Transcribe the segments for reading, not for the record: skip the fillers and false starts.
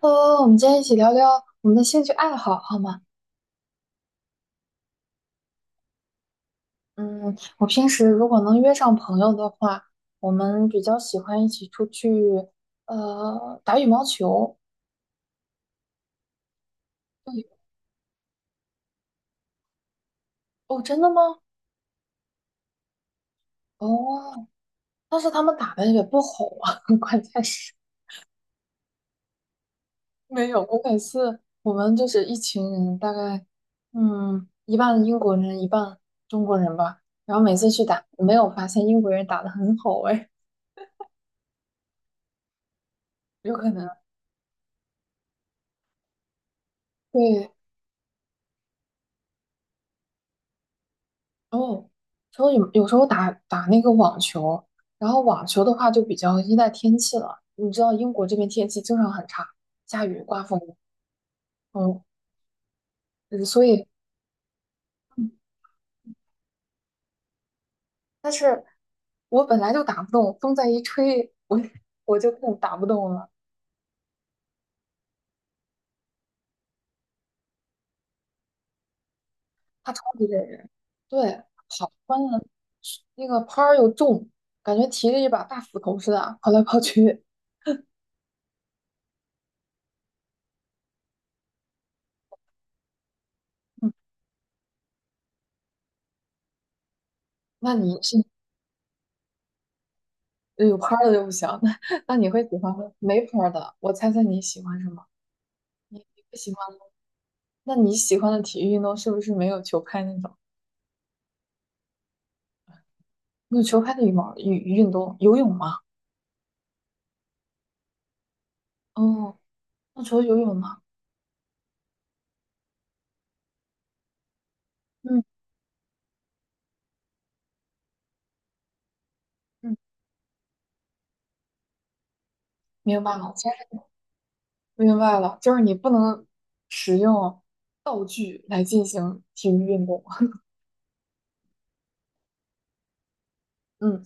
我们今天一起聊聊我们的兴趣爱好，好吗？嗯，我平时如果能约上朋友的话，我们比较喜欢一起出去，打羽毛球。对，哦，真的吗？哦，但是他们打的也不好啊，关键是没有。我每次我们就是一群人，大概一半英国人，一半中国人吧。然后每次去打，没有发现英国人打得很好，哎，有可能。对，哦，然后有时候打打那个网球，然后网球的话就比较依赖天气了。你知道英国这边天气经常很差，下雨、刮风，嗯，嗯所以，嗯但是我本来就打不动，风再一吹，我 我就更打不动了，它超级累人。对，关键那个拍儿又重，感觉提着一把大斧头似的，跑来跑去。嗯，那你是，有拍儿的就不行，那你会喜欢没拍儿的？我猜猜你喜欢什么？喜欢。那你喜欢的体育运动是不是没有球拍那种？没有球拍的羽毛运动，游泳吗？哦，那除了游泳呢？嗯嗯，明白了，其实明白了，就是你不能使用具来进行体育运动。嗯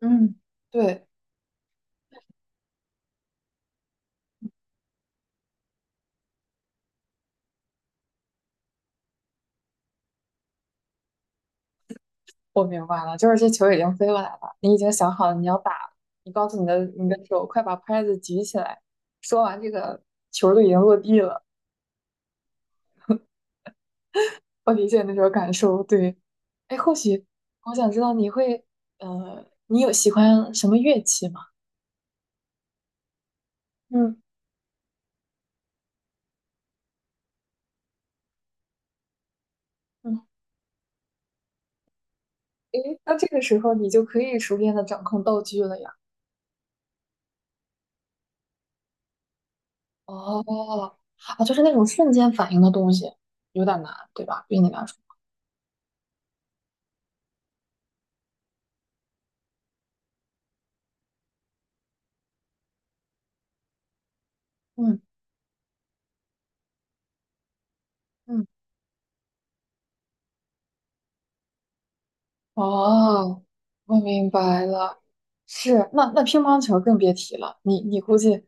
嗯，对，我明白了，就是这球已经飞过来了，你已经想好了你要打了，你告诉你的手，快把拍子举起来。说完这个，球儿都已经落地了。我理解那种感受，对。哎，或许我想知道你会，你有喜欢什么乐器吗？嗯嗯，诶，那这个时候你就可以熟练的掌控道具了呀。哦，啊，就是那种瞬间反应的东西，有点难，对吧？对你来说，嗯嗯，哦，我明白了。是，那乒乓球更别提了，你估计，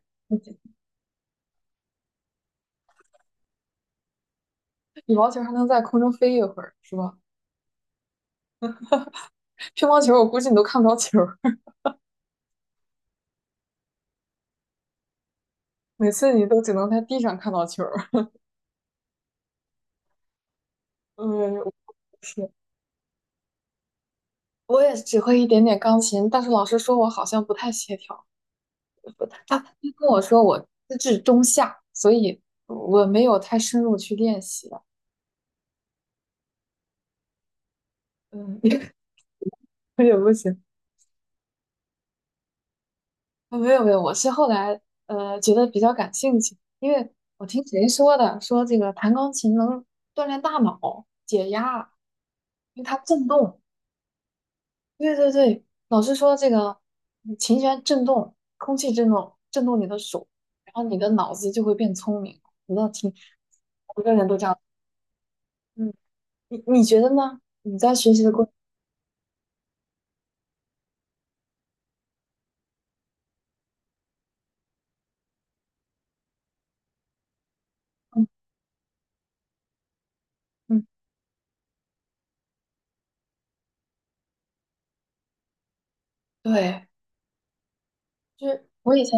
羽毛球还能在空中飞一会儿，是吧？乒乓球我估计你都看不着球。每次你都只能在地上看到球儿。嗯，我是，我也只会一点点钢琴，但是老师说我好像不太协调，不太他跟我说我资质中下，所以我没有太深入去练习了。嗯，我也不行。啊，没有没有，我是后来觉得比较感兴趣，因为我听谁说的，说这个弹钢琴能锻炼大脑、解压，因为它震动。对对对，老师说这个琴弦振动，空气振动，振动你的手，然后你的脑子就会变聪明。我倒听，每个人都这样。嗯，你觉得呢？你在学习的过程中，嗯，对，就是我以前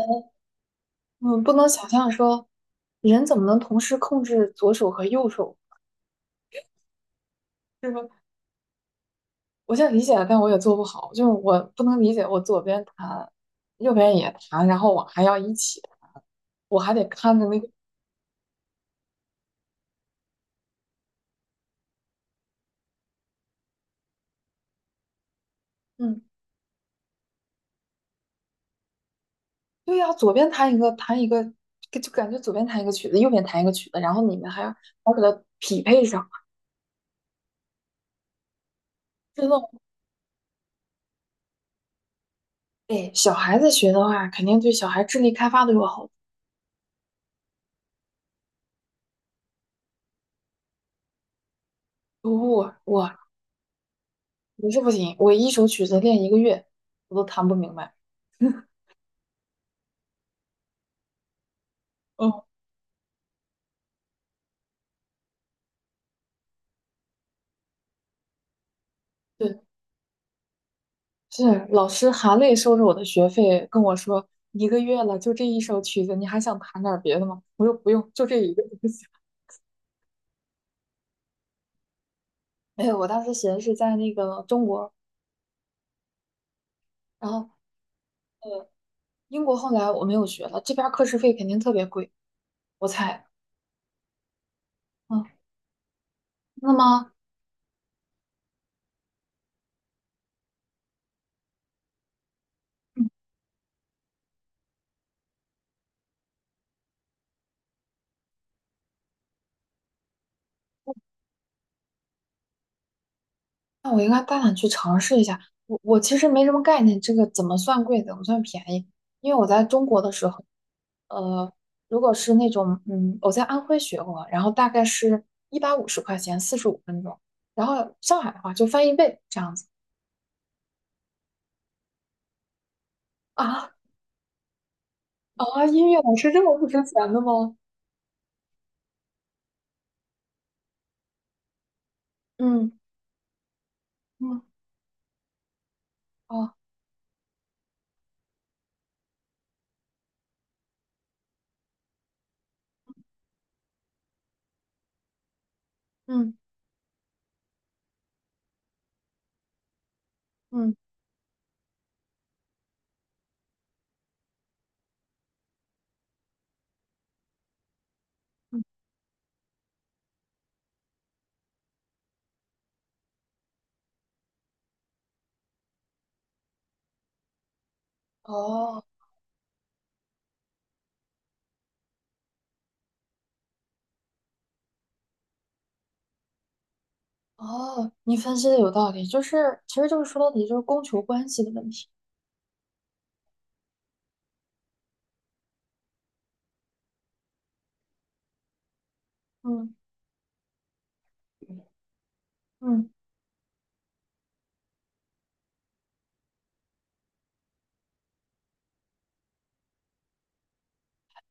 嗯不能想象说人怎么能同时控制左手和右手，就是说我现在理解了，但我也做不好，就是我不能理解我左边弹，右边也弹，然后我还要一起，我还得看着那个。嗯。对呀，左边弹一个，弹一个，就感觉左边弹一个曲子，右边弹一个曲子，然后你们还要匹配上，真的，哎，小孩子学的话，肯定对小孩智力开发都有好处。我我我是不行，我一首曲子练一个月，我都弹不明白。哦，对，是老师含泪收着我的学费，跟我说一个月了，就这一首曲子，你还想弹点儿别的吗？我说不用，就这一个就行。哎，我当时学的是在那个中国，然后英国后来我没有学了，这边儿课时费肯定特别贵，我猜。嗯，那么，嗯那我应该大胆去尝试一下。我其实没什么概念，这个怎么算贵，怎么算便宜？因为我在中国的时候，呃，如果是那种，我在安徽学过，然后大概是150块钱，45分钟。然后上海的话就翻一倍这样子。啊啊，音乐老师这么不值钱的吗？嗯嗯，哦，嗯嗯嗯，哦。哦，你分析的有道理，就是其实就是说到底就是供求关系的问题。嗯嗯，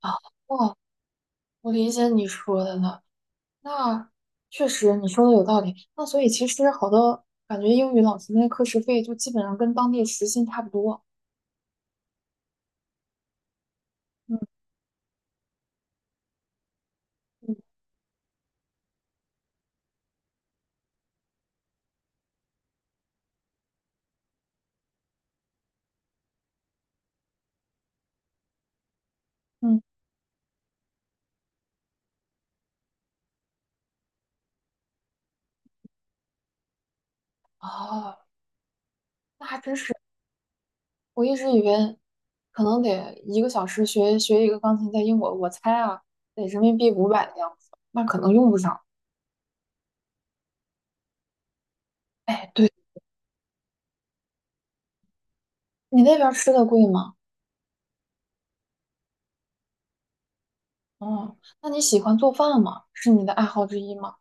啊，哦，我理解你说的了。那确实你说的有道理。那所以其实好多感觉英语老师那课时费就基本上跟当地时薪差不多。嗯嗯嗯，哦，那还真是。我一直以为可能得一个小时学一个钢琴，在英国我猜啊得人民币500的样子，那可能用不上。哎，对，你那边儿吃的贵吗？哦，那你喜欢做饭吗？是你的爱好之一吗？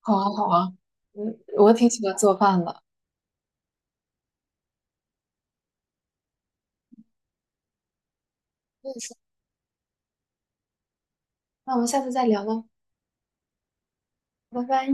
好啊，好啊，我挺喜欢做饭的。我也是。那我们下次再聊喽，拜拜。